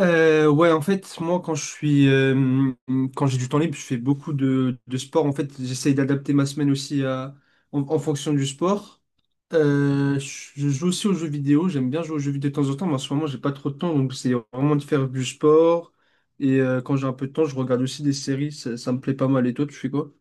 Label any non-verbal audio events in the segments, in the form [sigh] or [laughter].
Ouais, en fait, moi, quand je suis, quand j'ai du temps libre, je fais beaucoup de sport. En fait, j'essaye d'adapter ma semaine aussi à, en fonction du sport. Je joue aussi aux jeux vidéo. J'aime bien jouer aux jeux vidéo de temps en temps, mais en ce moment, j'ai pas trop de temps, donc c'est vraiment de faire du sport. Et quand j'ai un peu de temps, je regarde aussi des séries. Ça me plaît pas mal. Et toi, tu fais quoi?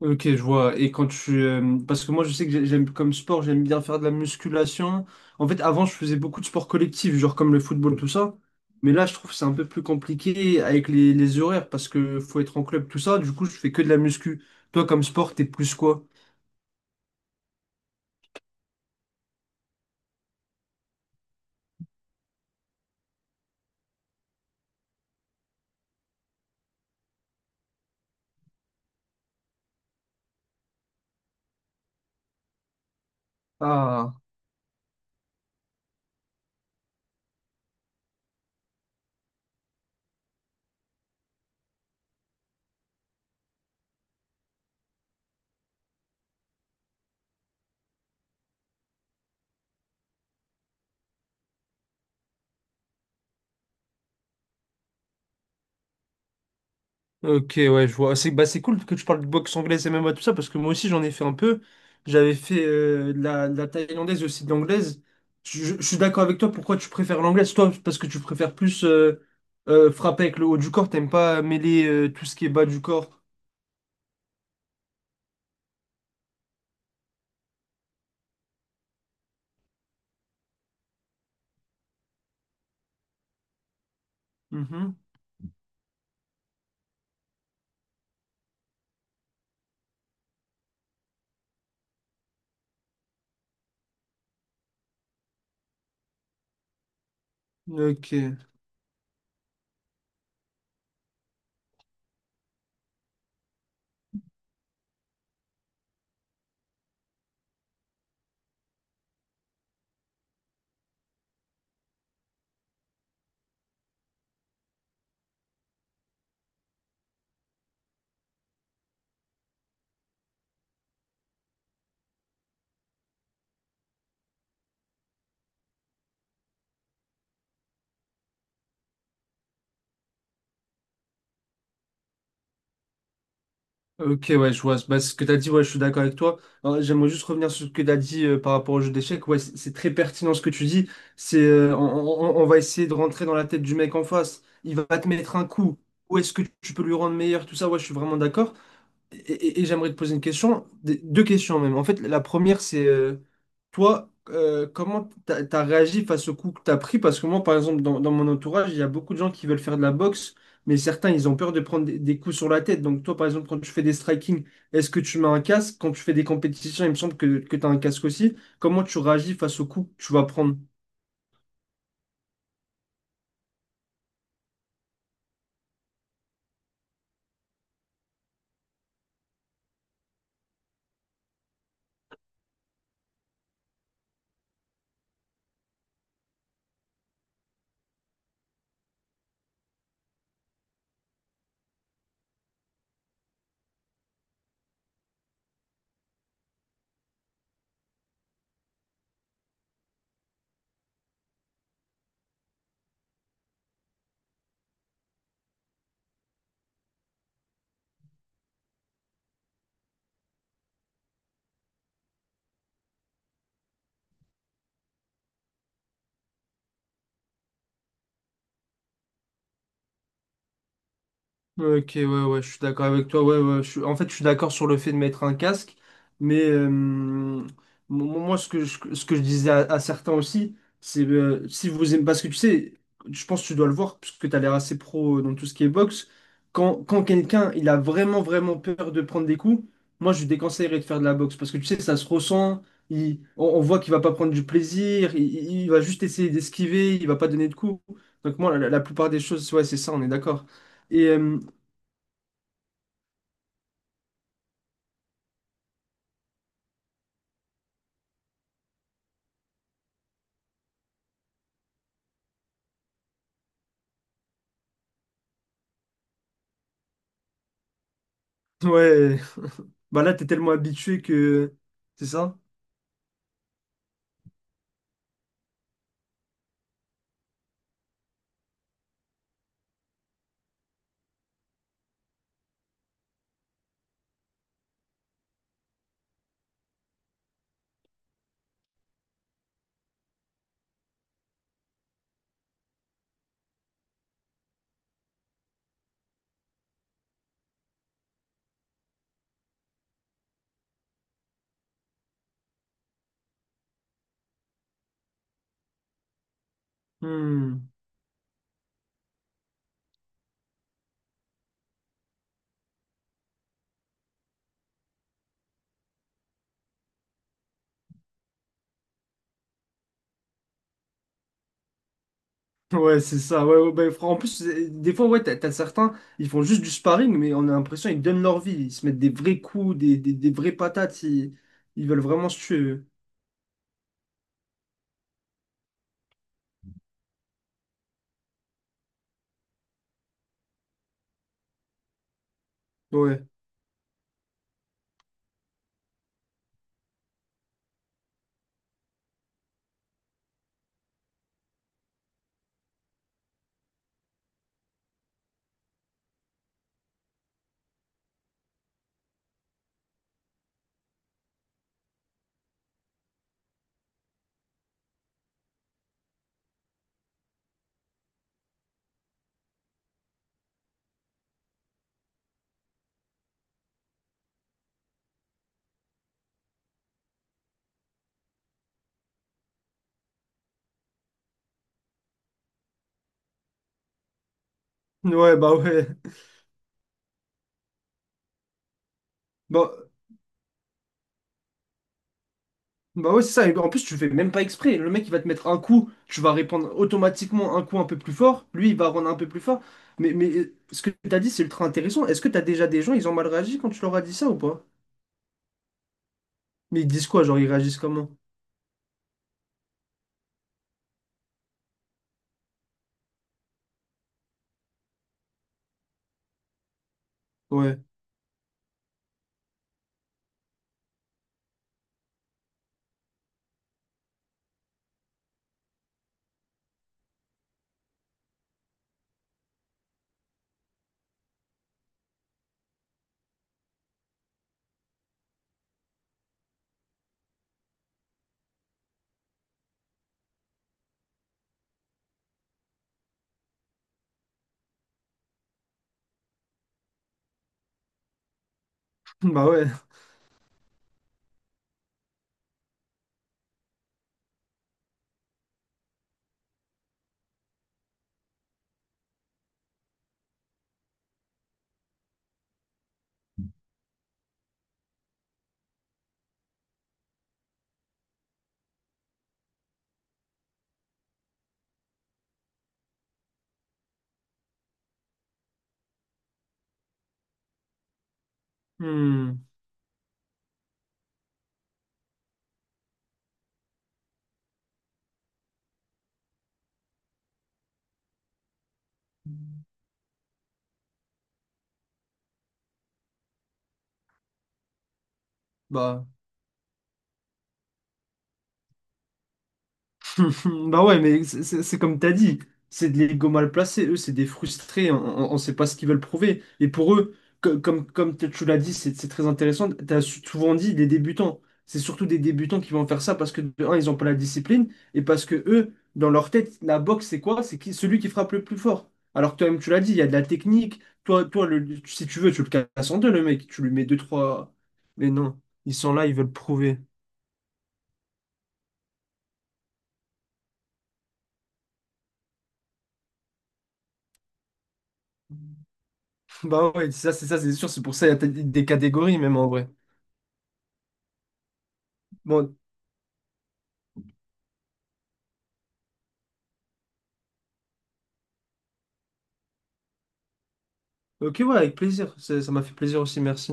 Ok, je vois. Et quand tu... parce que moi, je sais que j'aime comme sport, j'aime bien faire de la musculation. En fait, avant, je faisais beaucoup de sports collectifs, genre comme le football, tout ça. Mais là, je trouve que c'est un peu plus compliqué avec les horaires parce que faut être en club, tout ça. Du coup, je fais que de la muscu. Toi, comme sport, t'es plus quoi? Ah. Ok, ouais, je vois. C'est bah, c'est cool que tu parles de boxe anglaise et même MMA, tout ça, parce que moi aussi j'en ai fait un peu. J'avais fait de la thaïlandaise et aussi de l'anglaise. Je suis d'accord avec toi, pourquoi tu préfères l'anglaise? Toi, parce que tu préfères plus frapper avec le haut du corps, t'aimes pas mêler tout ce qui est bas du corps. Mhm. Ok. Ok, ouais, je vois. Bah, ce que tu as dit, ouais, je suis d'accord avec toi. Alors, j'aimerais juste revenir sur ce que tu as dit par rapport au jeu d'échecs. Ouais, c'est très pertinent ce que tu dis. C'est, on va essayer de rentrer dans la tête du mec en face. Il va te mettre un coup. Où est-ce que tu peux lui rendre meilleur? Tout ça, ouais, je suis vraiment d'accord. Et j'aimerais te poser une question, deux questions même. En fait, la première, c'est toi, comment t'as réagi face au coup que t'as pris? Parce que moi, par exemple, dans mon entourage, il y a beaucoup de gens qui veulent faire de la boxe, mais certains, ils ont peur de prendre des coups sur la tête. Donc toi, par exemple, quand tu fais des striking, est-ce que tu mets un casque? Quand tu fais des compétitions, il me semble que tu as un casque aussi. Comment tu réagis face au coup que tu vas prendre? Ok, ouais, ouais, je suis d'accord avec toi. Ouais, ouais, je suis- En fait, je suis d'accord sur le fait de mettre un casque, mais moi, ce que ce que je disais à certains aussi, c'est si vous aimez, parce que tu sais, je pense que tu dois le voir, puisque tu as l'air assez pro dans tout ce qui est boxe. Quand quelqu'un il a vraiment peur de prendre des coups, moi, je lui déconseillerais de faire de la boxe, parce que tu sais, ça se ressent, on voit qu'il va pas prendre du plaisir, il va juste essayer d'esquiver, il va pas donner de coups. Donc, moi, la plupart des choses, ouais, c'est ça, on est d'accord. Et, ouais. [laughs] Bah là, t'es tellement habitué que... C'est ça? Hmm. Ouais, c'est ça. Ouais, ouais, bah, en plus, c'est- des fois, ouais, t'as certains, ils font juste du sparring, mais on a l'impression qu'ils donnent leur vie. Ils se mettent des vrais coups, des vraies patates. Ils veulent vraiment se tuer. Eux. Ouais. Ouais, bah ouais. [laughs] Bah, bah ouais, c'est ça. Et en plus, tu fais même pas exprès. Le mec, il va te mettre un coup, tu vas répondre automatiquement un coup un peu plus fort. Lui, il va rendre un peu plus fort. Mais ce que t'as dit, c'est ultra intéressant. Est-ce que t'as déjà des gens, ils ont mal réagi quand tu leur as dit ça ou pas? Mais ils disent quoi? Genre, ils réagissent comment? Ouais. [laughs] Bah ouais. Hmm. Bah. [laughs] Bah ouais, mais c'est comme t'as dit, c'est des l'ego mal placés, eux, c'est des frustrés, on, ne sait pas ce qu'ils veulent prouver. Et pour eux, comme tu l'as dit, c'est très intéressant, souvent dit des débutants. C'est surtout des débutants qui vont faire ça parce que, de un, ils n'ont pas la discipline, et parce que eux, dans leur tête, la boxe, c'est quoi? C'est qui, celui qui frappe le plus fort. Alors que toi-même, tu l'as dit, il y a de la technique, toi, si tu veux, tu le casses en deux, le mec, tu lui mets deux, trois... Mais non, ils sont là, ils veulent prouver. Bah ouais, ça c'est sûr, c'est pour ça il y a des catégories même en vrai. Bon, ok ouais, avec plaisir, ça m'a fait plaisir aussi, merci.